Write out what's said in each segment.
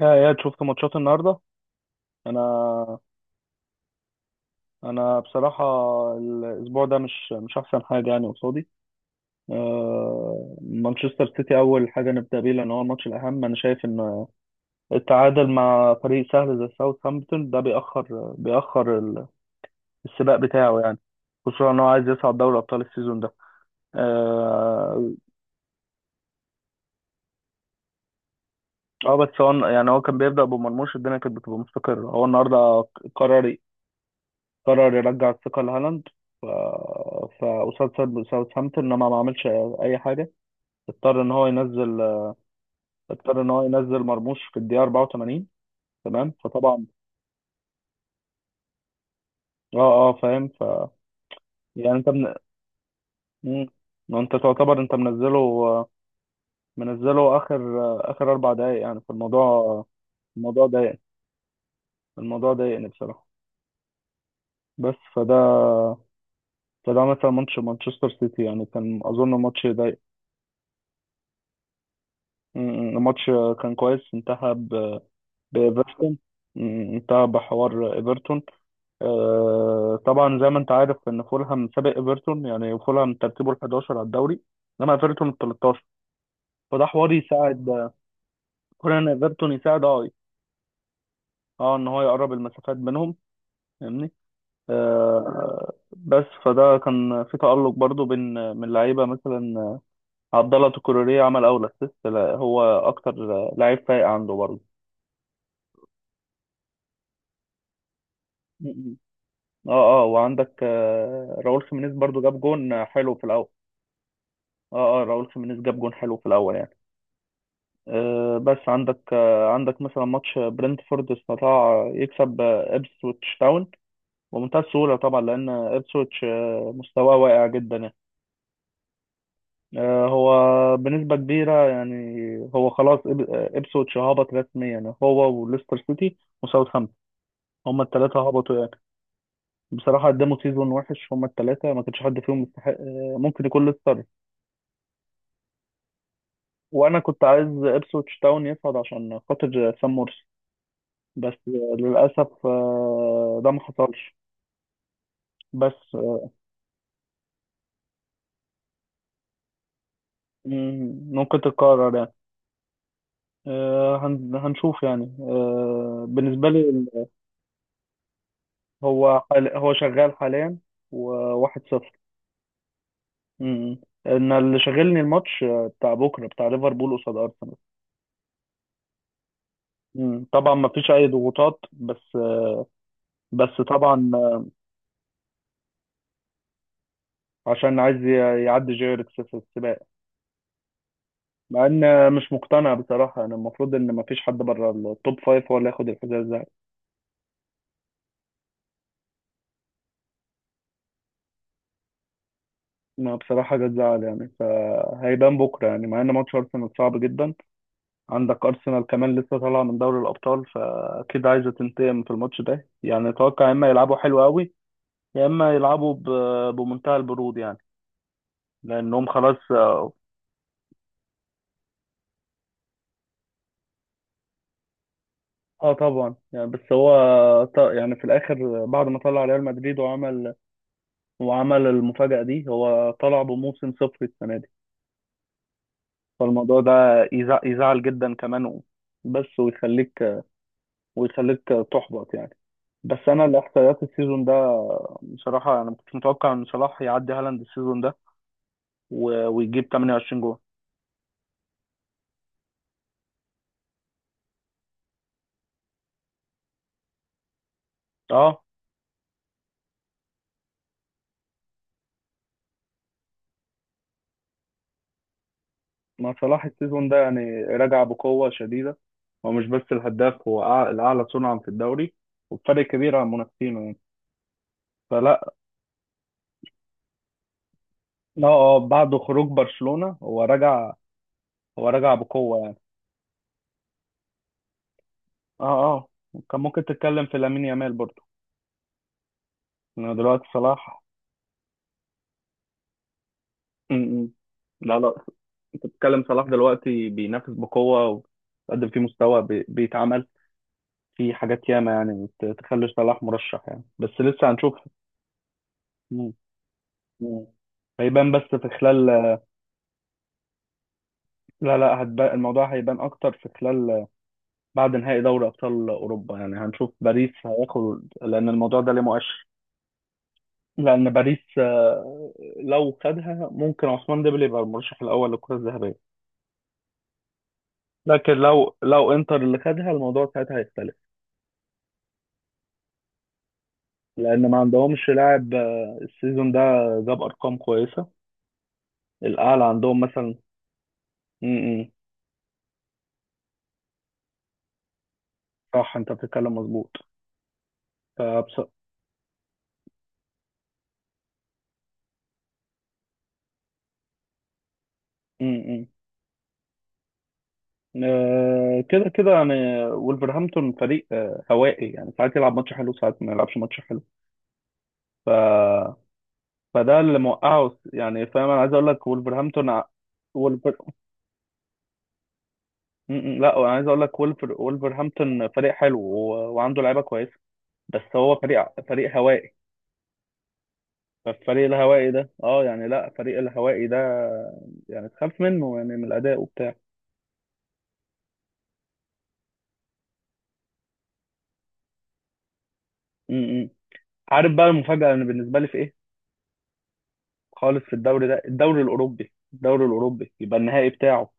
يا شفت ماتشات النهارده؟ انا انا بصراحه، الاسبوع ده مش احسن حاجه يعني قصادي. مانشستر سيتي اول حاجه نبدا بيه لان هو الماتش الاهم. انا شايف ان التعادل مع فريق سهل زي ساوثهامبتون ده بيأخر السباق بتاعه يعني، خصوصا ان هو عايز يصعد دوري ابطال السيزون ده. اه. بس هو يعني هو كان بيبدا بمرموش الدنيا كانت بتبقى مستقره. هو النهارده قرر قرر يرجع الثقة لهالاند. ف... فقصاد ساوثهامبتون لما ما عملش أي حاجة، اضطر إن هو ينزل اضطر إن هو ينزل مرموش في الدقيقة 84. تمام، فطبعا اه اه فاهم. ف يعني انت من... مم. ما انت تعتبر انت منزله اخر 4 دقايق يعني، فالموضوع الموضوع ضايق الموضوع ضايقني بصراحة. بس فده مثلا ماتش مانشستر سيتي يعني كان اظن ماتش ضايق. مم. الماتش كان كويس، انتهى بإيفرتون. متابع حوار إيفرتون؟ آه طبعا، زي ما أنت عارف إن فولهام سابق إيفرتون. يعني فولهام ترتيبه ال 11 على الدوري، إنما إيفرتون ال 13. فده حوار يساعد كون إن إيفرتون يساعد، أه، أه، إن هو يقرب المسافات بينهم، فاهمني؟ آه، بس فده كان في تألق برضو بين من لعيبة مثلا عبد الله تكوريه، عمل أول أسيست، هو أكتر لعيب فايق عنده برضه. م- م. اه اه، وعندك راؤول خيمينيز برضو جاب جون حلو في الاول. اه اه، راؤول خيمينيز جاب جون حلو في الاول يعني. آه، بس عندك مثلا ماتش برنتفورد، استطاع يكسب إبسويتش تاون بمنتهى السهوله طبعا، لان إبسويتش آه مستواه واقع جدا يعني. آه، هو بنسبه كبيره يعني. هو خلاص إبسويتش هبط رسميا، يعني هو وليستر سيتي وساوثهامبتون، هما الثلاثه هبطوا يعني. بصراحه قدموا سيزون وحش، هما الثلاثه ما كانش حد فيهم يستحق، ممكن يكون ليستر. وانا كنت عايز إبسويتش تاون يصعد عشان خاطر سام مورس، بس للأسف ده ما حصلش. بس مم، ممكن تتكرر يعني. هنشوف يعني. بالنسبة لي هو هو شغال حاليا، وواحد صفر. مم. أنا اللي شاغلني الماتش بتاع بكرة بتاع ليفربول قصاد أرسنال. مم. طبعا ما فيش أي ضغوطات، بس بس طبعا عشان عايز يعدي جيركس في السباق، مع إن مش مقتنع بصراحة أنا. المفروض إن ما فيش حد بره التوب فايف هو اللي ياخد الحذاء. ما بصراحة جت زعل يعني، فهيبان بكرة يعني. مع إن ماتش أرسنال صعب جدا، عندك أرسنال كمان لسه طالعة من دوري الأبطال، فأكيد عايزة تنتقم في الماتش ده. يعني أتوقع يا إما يلعبوا حلو قوي، يا إما يلعبوا بمنتهى البرود يعني، لأنهم خلاص آه. آه طبعا يعني، بس هو يعني في الآخر بعد ما طلع ريال مدريد وعمل المفاجأة دي، هو طلع بموسم صفر السنة دي. فالموضوع ده يزعل جدا كمان، بس ويخليك تحبط يعني. بس انا الاحصائيات السيزون ده بصراحه انا ما كنتش متوقع ان صلاح يعدي هالاند السيزون ده ويجيب 28 جول. اه، ما صلاح السيزون ده يعني راجع بقوه شديده، هو مش بس الهداف، هو الاعلى صنعا في الدوري، وبفرق كبير عن منافسينه يعني. فلا، لا اه، بعد خروج برشلونه هو راجع بقوه يعني. اه اه، كان ممكن تتكلم في لامين يامال برضه إنه دلوقتي صلاح. م- م. لا لا، انت بتتكلم صلاح دلوقتي بينافس بقوه، وقدم فيه مستوى بيتعمل في حاجات ياما، يعني تخلي صلاح مرشح يعني، بس لسه هنشوف. مم. مم. هيبان بس في خلال، لا لا، هتبقى الموضوع هيبان اكتر في خلال بعد نهائي دوري ابطال اوروبا يعني. هنشوف باريس هياخد، لان الموضوع ده ليه مؤشر. لان باريس لو خدها ممكن عثمان ديمبلي يبقى المرشح الاول للكره الذهبيه، لكن لو انتر اللي خدها الموضوع ساعتها هيختلف. لان ما عندهمش لاعب السيزون ده جاب ارقام كويسه، الاعلى عندهم مثلا. امم، صح، انت بتتكلم مظبوط. فبص... امم، كده كده يعني. ولفرهامبتون فريق هوائي، يعني ساعات يلعب ماتش حلو ساعات ما يلعبش ماتش حلو. ف... فده اللي موقعه يعني، فاهم، انا عايز اقول لك ولفرهامبتون ولفر... م- م، لا، انا عايز اقول لك ولفرهامبتون فريق حلو، وعنده لعيبه كويسه، بس هو فريق هوائي. فالفريق الهوائي ده لا، فريق الهوائي ده يعني تخاف منه، يعني من الاداء وبتاع. م -م. عارف بقى المفاجاه انا بالنسبه لي في ايه خالص في الدوري ده؟ الدوري الاوروبي، يبقى النهائي بتاعه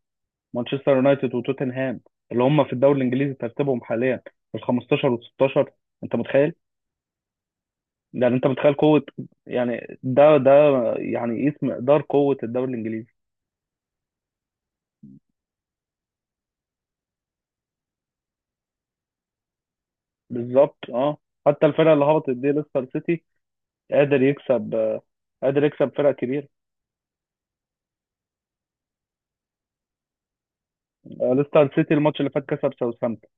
مانشستر يونايتد وتوتنهام، اللي هم في الدوري الانجليزي ترتيبهم حاليا ال 15 وال 16. انت متخيل؟ يعني انت متخيل قوه، يعني ده يعني يقيس مقدار قوه الدوري الانجليزي. بالظبط اه. حتى الفرقه اللي هبطت دي ليستر سيتي قادر يكسب آه، قادر يكسب فرق كبيره. آه، ليستر سيتي الماتش اللي فات كسب ساوثهامبتون،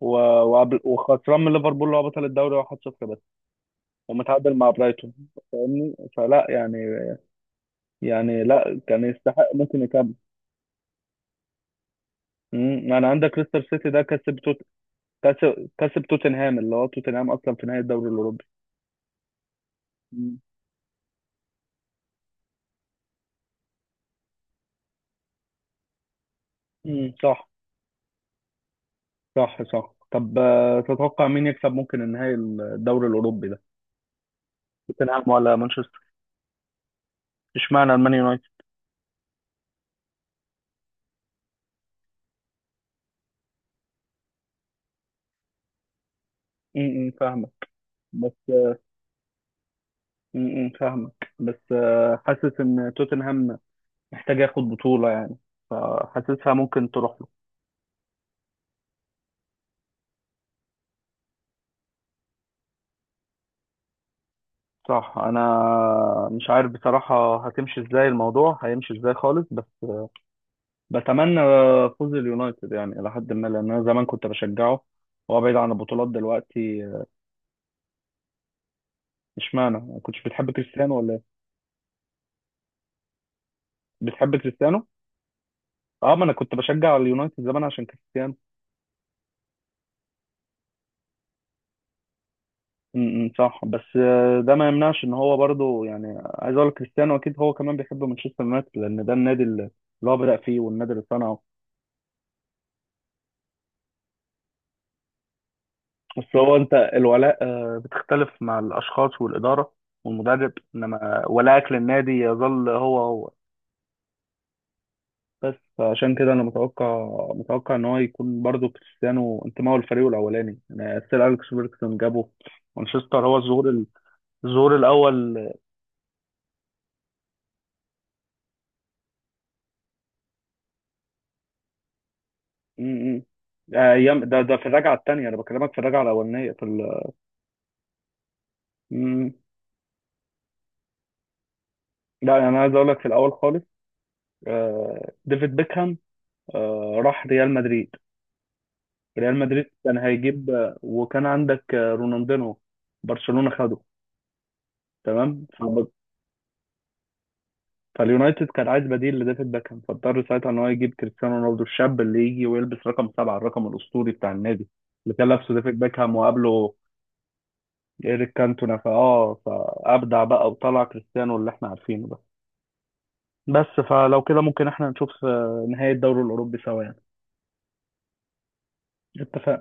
و- وقبل، وخسران من ليفربول اللي هو بطل الدوري 1-0 بس، ومتعادل مع برايتون، فاهمني؟ فلا يعني، يعني لا، كان يستحق ممكن يكمل. امم، يعني عندك ليستر سيتي ده كسب كسب توتنهام، اللي هو توتنهام اصلا في نهائي الدوري الاوروبي. امم، أمم، صح، صح، صح. طب تتوقع مين يكسب ممكن النهائي الدوري الاوروبي ده، توتنهام ولا مانشستر؟ اشمعنى المان يونايتد؟ امم، أمم، فاهمك، بس م- م، فاهمك، بس حاسس ان توتنهام محتاج ياخد بطولة يعني، فحاسسها ممكن تروح له. صح، انا مش عارف بصراحة هتمشي ازاي، الموضوع هيمشي ازاي خالص، بس بتمنى فوز اليونايتد يعني الى حد ما، لان انا زمان كنت بشجعه، هو بعيد عن البطولات دلوقتي. اشمعنى؟ ما كنتش بتحب كريستيانو ولا إيه؟ بتحب كريستيانو؟ اه، ما انا كنت بشجع اليونايتد زمان عشان كريستيانو. امم، صح، بس ده ما يمنعش ان هو برضو يعني، عايز اقول لك كريستيانو اكيد هو كمان بيحب مانشستر يونايتد، لان ده النادي اللي هو بدأ فيه، والنادي اللي صنعه. بس هو انت الولاء بتختلف مع الاشخاص والاداره والمدرب، انما ولائك للنادي يظل هو هو. بس فعشان كده انا متوقع، ان هو يكون برضو كريستيانو انتمائه للفريق الاولاني، يعني سير اليكس فيرجسون جابه مانشستر، هو الظهور الظهور الاول. امم، ده ايام، ده في الرجعه الثانيه، انا بكلمك في الرجعه الاولانيه مم. لا، انا عايز اقول لك في الاول خالص ديفيد بيكهام راح ريال مدريد. ريال مدريد كان هيجيب وكان عندك رونالدينو، برشلونه خده. تمام، فاليونايتد كان عايز بديل لديفيد بيكهام، فاضطر ساعتها ان هو يجيب كريستيانو رونالدو الشاب اللي يجي ويلبس رقم 7، الرقم الاسطوري بتاع النادي اللي كان لابسه ديفيد بيكهام وقابله ايريك كانتونا، فابدع بقى وطلع كريستيانو اللي احنا عارفينه. بس فلو كده ممكن احنا نشوف نهاية الدوري الأوروبي سوا يعني. اتفقنا.